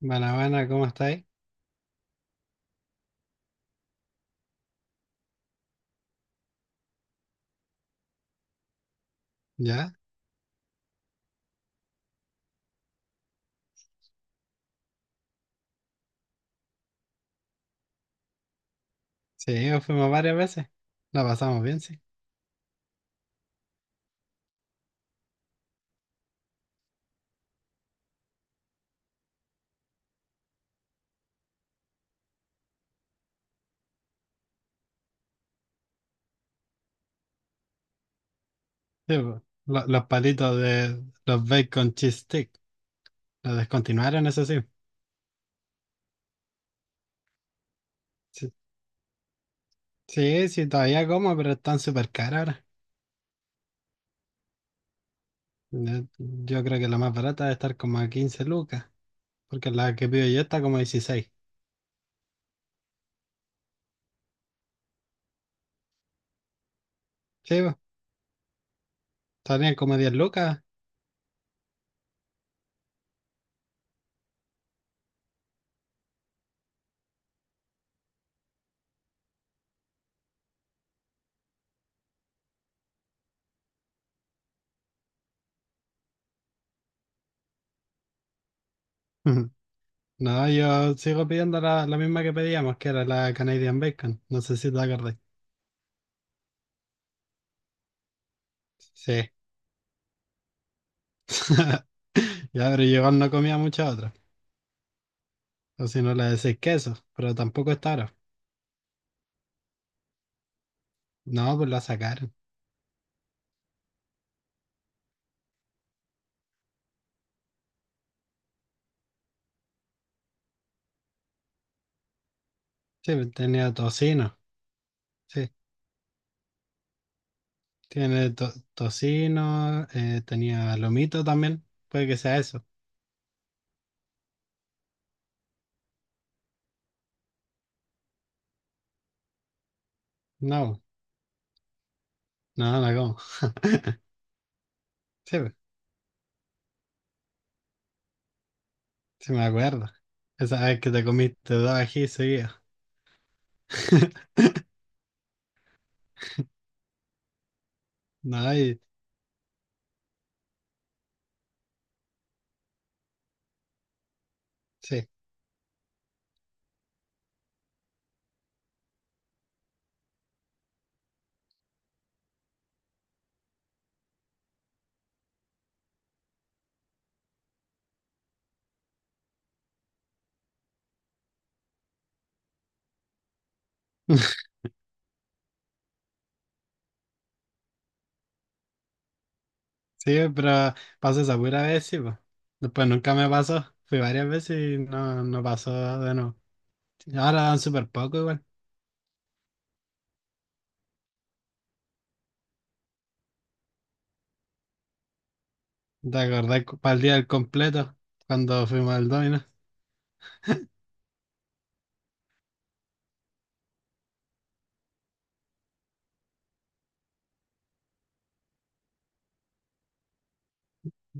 Buena, ¿cómo estáis? ¿Ya? Sí, fuimos varias veces. La pasamos bien, sí. Sí, po. Los palitos de los bacon cheese stick. Los descontinuaron, eso sí. Sí, sí, sí, todavía como, pero están súper caros ahora. Yo creo que la más barata debe estar como a 15 lucas, porque la que pido yo está como 16. Sí, po, salían como 10 lucas. No, yo sigo pidiendo la misma que pedíamos, que era la Canadian Bacon. No sé si te acordás. Sí. Ya, pero yo igual no comía muchas otras. O si no le decís queso, pero tampoco es taro. No, pues la sacaron. Sí, pues tenía tocino. Sí, tiene tocino, tenía lomito también. Puede que sea eso. No, no, no como. Sí, pues, sí me acuerdo. Esa vez que te comiste dos ají seguidos. No, y sí. Sí, pero pasó esa pura vez, sí, pues. Después nunca me pasó. Fui varias veces y no, no pasó de nuevo. Ahora dan súper poco igual. ¿Te acordás para el día del completo? Cuando fuimos al Domino,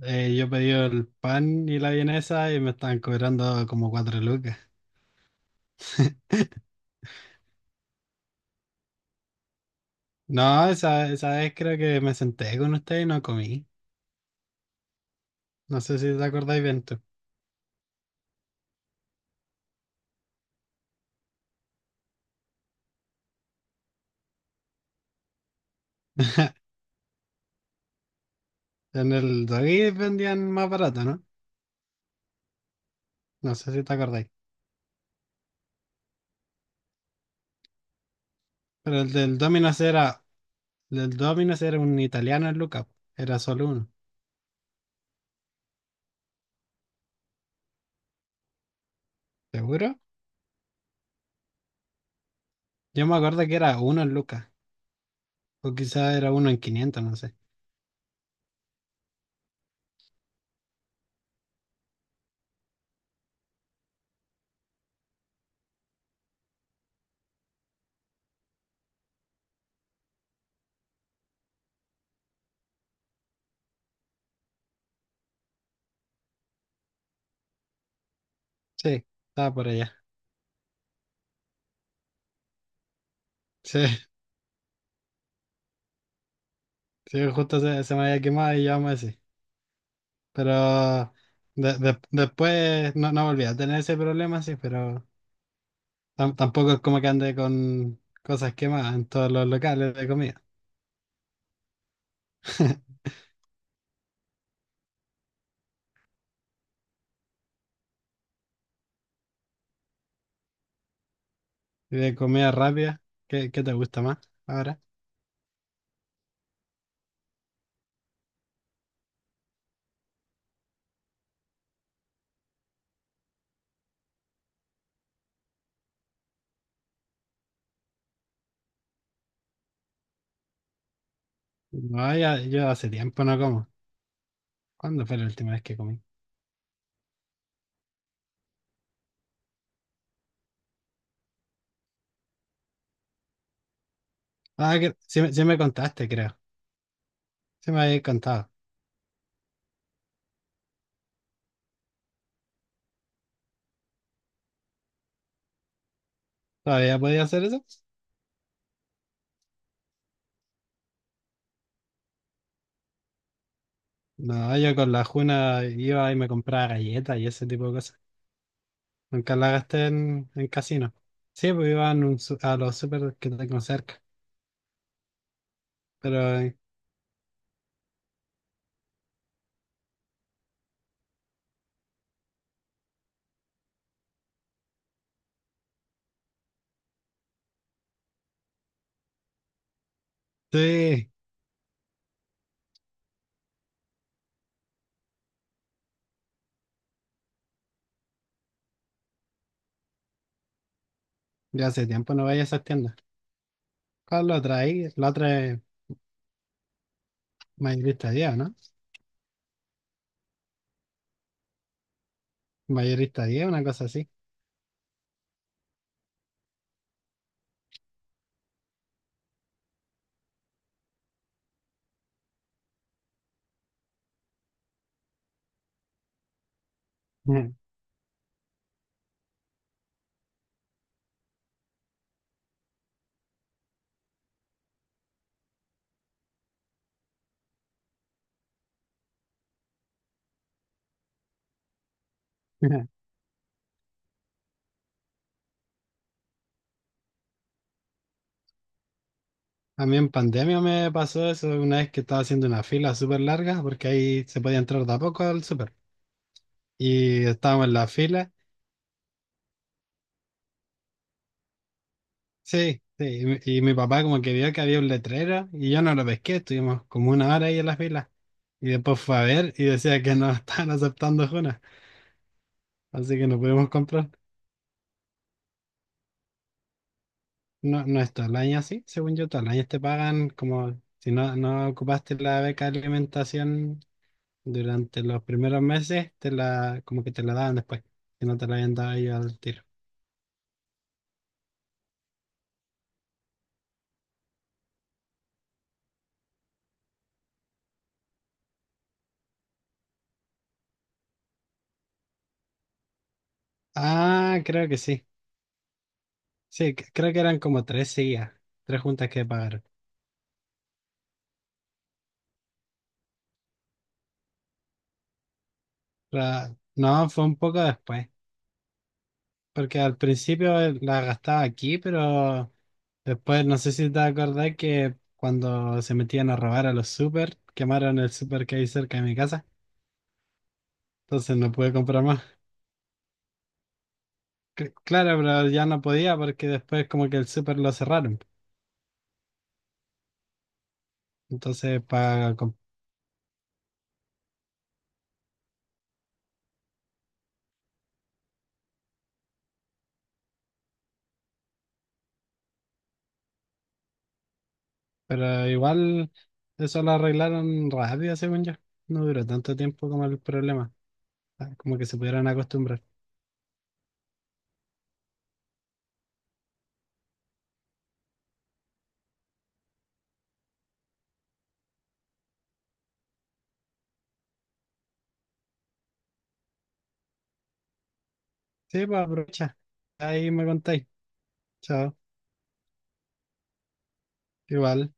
eh, yo pedí el pan y la vienesa y me estaban cobrando como cuatro lucas. No, esa vez creo que me senté con usted y no comí. No sé si te acordáis bien tú. En el Doggy vendían más barato, ¿no? No sé si te acordáis. Pero el del Domino's era, el del Domino's era un italiano en lucas. Era solo uno. ¿Seguro? Yo me acuerdo que era uno en lucas. O quizá era uno en 500, no sé. Sí, estaba por allá. Sí. Sí, justo se me había quemado y yo me así. Pero después no, no volví a tener ese problema, sí, pero tampoco es como que ande con cosas quemadas en todos los locales de comida. Y de comida rápida, ¿qué, qué te gusta más ahora? No, yo hace tiempo no como. ¿Cuándo fue la última vez que comí? Ah, que, sí me contaste, creo. Sí me habías contado. ¿Todavía podía hacer eso? No, yo con la Juna iba y me compraba galletas y ese tipo de cosas. Nunca la gasté en casino. Sí, pues iba en a los super que tengo cerca. Pero sí, ya hace tiempo no voy a esas tiendas. ¿Cuál lo otra ahí? La otra es Mayorista 10, ¿no? Mayorista 10, una cosa así. Ujú. Ujú. A mí en pandemia me pasó eso una vez que estaba haciendo una fila súper larga porque ahí se podía entrar de a poco al súper. Y estábamos en la fila. Sí, sí. Y mi papá como que vio que había un letrero y yo no lo pesqué. Estuvimos como una hora ahí en la fila. Y después fue a ver y decía que no estaban aceptando Juna, así que no pudimos comprar. No, no es todo el año así, según yo, todo el año te pagan como si no, no ocupaste la beca de alimentación durante los primeros meses, te la, como que te la daban después, si no te la habían dado ellos al tiro. Ah, creo que sí. Sí, creo que eran como tres seguidas, tres juntas que pagaron. No, fue un poco después, porque al principio la gastaba aquí, pero después, no sé si te acordás que cuando se metían a robar a los super, quemaron el super que hay cerca de mi casa. Entonces no pude comprar más. Claro, pero ya no podía porque después como que el super lo cerraron. Entonces, para... pero igual eso lo arreglaron rápido, según yo. No duró tanto tiempo como el problema. Ah, como que se pudieron acostumbrar. Sí, pues aprovecha. Ahí me contáis. Chao. Igual.